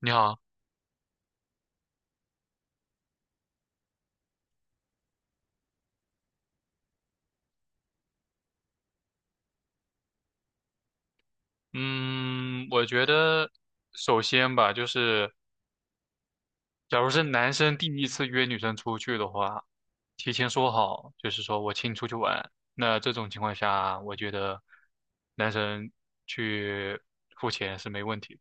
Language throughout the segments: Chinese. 你好，嗯，我觉得首先吧，就是假如是男生第一次约女生出去的话，提前说好，就是说我请你出去玩。那这种情况下，我觉得男生去付钱是没问题的。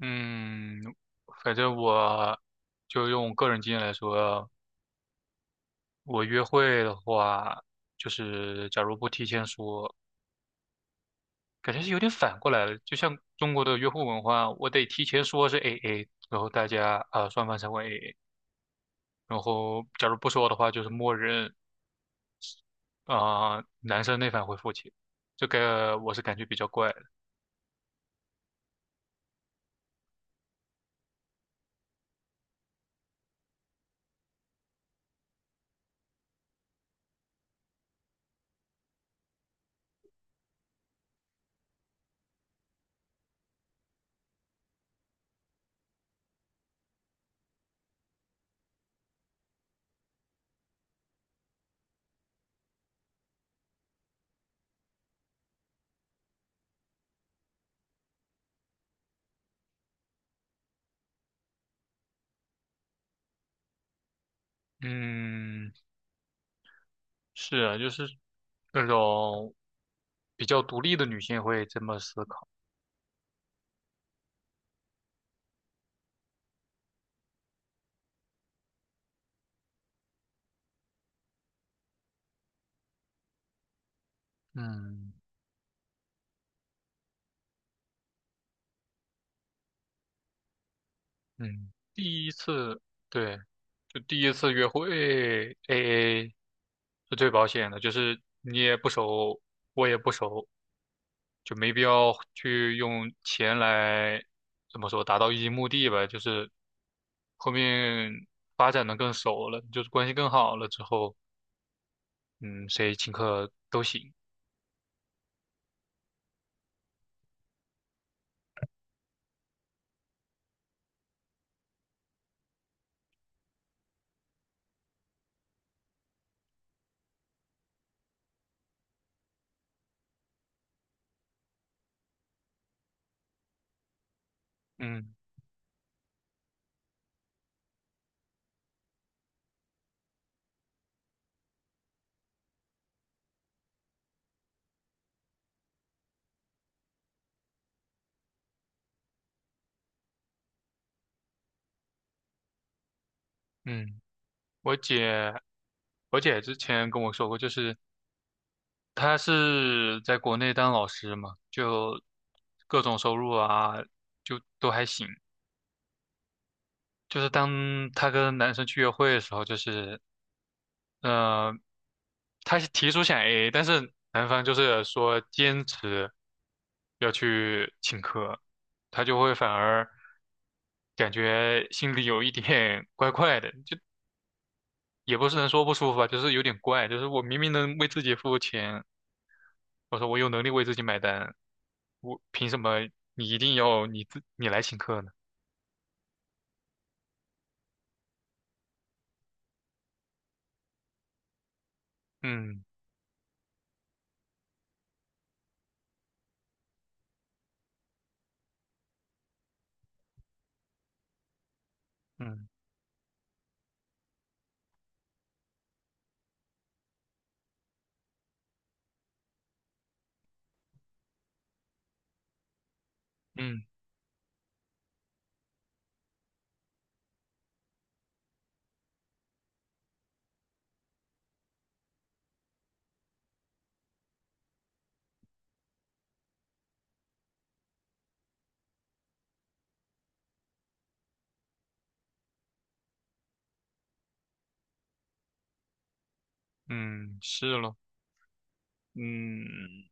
嗯，反正我就用个人经验来说，我约会的话，就是假如不提前说。感觉是有点反过来了，就像中国的约会文化，我得提前说是 AA，然后大家啊双方才会 AA，然后假如不说的话，就是默认啊男生那方会付钱，这个我是感觉比较怪的。嗯，是啊，就是那种比较独立的女性会这么思考。嗯嗯，第一次对，就第一次约会 AA 是最保险的，就是你也不熟，我也不熟。就没必要去用钱来怎么说达到一些目的吧，就是后面发展的更熟了，就是关系更好了之后，嗯，谁请客都行。嗯嗯，我姐，我姐之前跟我说过，就是她是在国内当老师嘛，就各种收入啊，就都还行。就是当她跟男生去约会的时候，就是呃，他是提出想 AA，但是男方就是说坚持要去请客，他就会反而感觉心里有一点 怪怪的，就也不是能说不舒服吧，就是有点怪，就是我明明能为自己付钱，我说我有能力为自己买单，我凭什么你一定要你来请客呢？嗯嗯嗯嗯，是咯，嗯。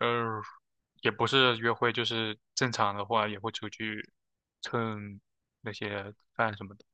呃，也不是约会，就是正常的话也会出去蹭那些饭什么的。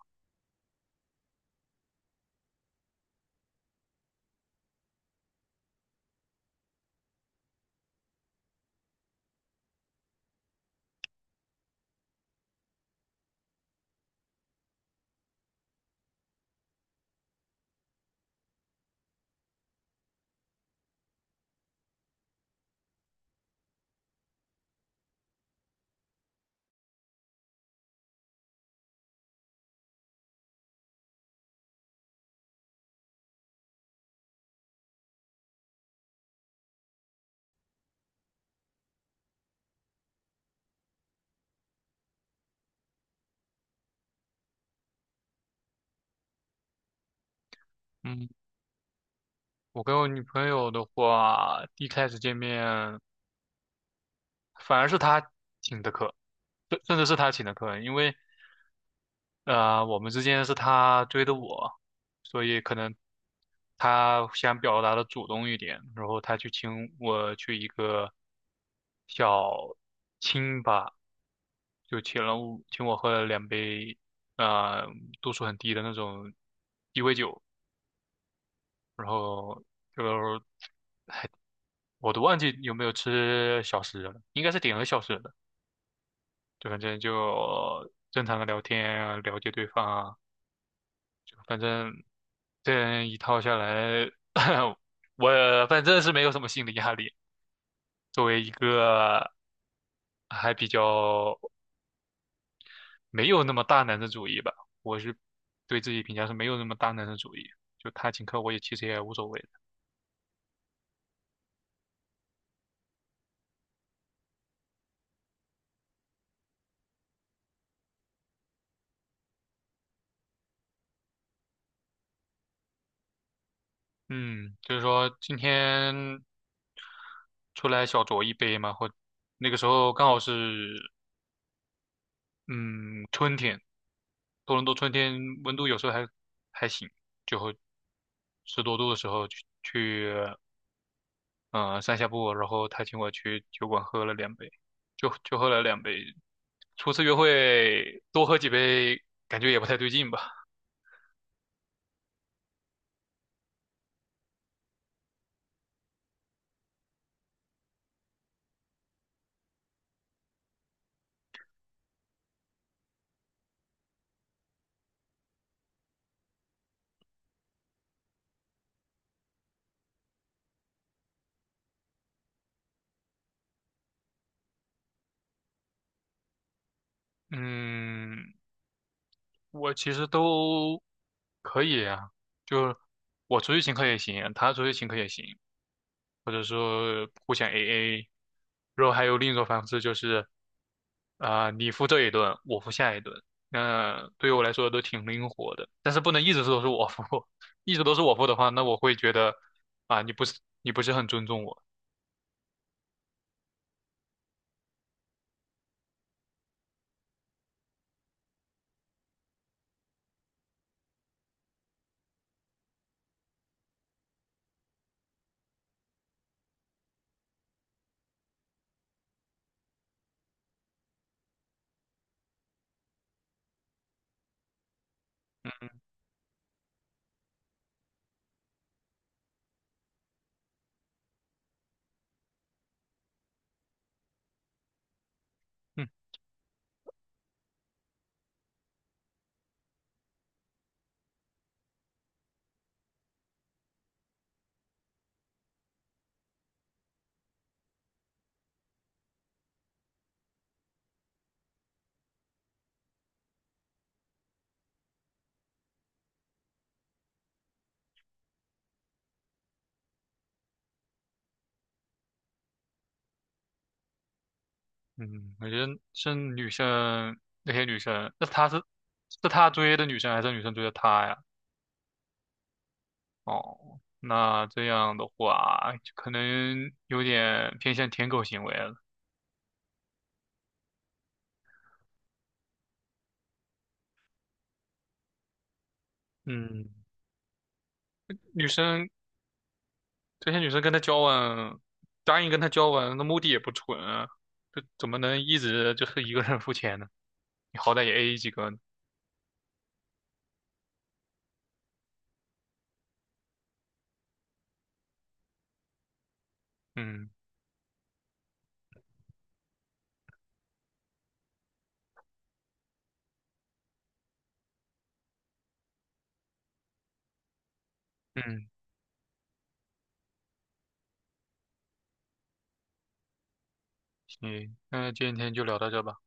嗯，我跟我女朋友的话，一开始见面反而是她请的客，甚至是她请的客，因为我们之间是她追的我，所以可能她想表达的主动一点，然后她去请我去一个小清吧。就请我喝了两杯，啊，度数很低的那种鸡尾酒，然后就我都忘记有没有吃小食了，应该是点了小食的，就反正就正常的聊天啊，了解对方啊，就反正这样一套下来，我反正是没有什么心理压力。作为一个还比较没有那么大男子主义吧，我是对自己评价是没有那么大男子主义，就他请客我也其实也无所谓的。嗯，就是说今天出来小酌一杯嘛，或那个时候刚好是嗯春天，多伦多春天温度有时候还行，就会10多度的时候去散下步，然后他请我去酒馆喝了两杯，就喝了两杯。初次约会多喝几杯感觉也不太对劲吧，嗯。我其实都可以啊，就我出去请客也行，他出去请客也行，或者说互相 AA。然后还有另一种方式就是，啊、你付这一顿，我付下一顿。那对于我来说都挺灵活的，但是不能一直都是我付，一直都是我付的话，那我会觉得啊、你不是很尊重我。嗯嗯，我觉得是女生那些女生，那她是她追的女生还是女生追的她呀？哦，那这样的话，可能有点偏向舔狗行为了。嗯，女生这些女生跟他交往，答应跟他交往，那目的也不纯啊，这怎么能一直就是一个人付钱呢？你好歹也 AA 几个呢。嗯嗯，行，那今天就聊到这吧。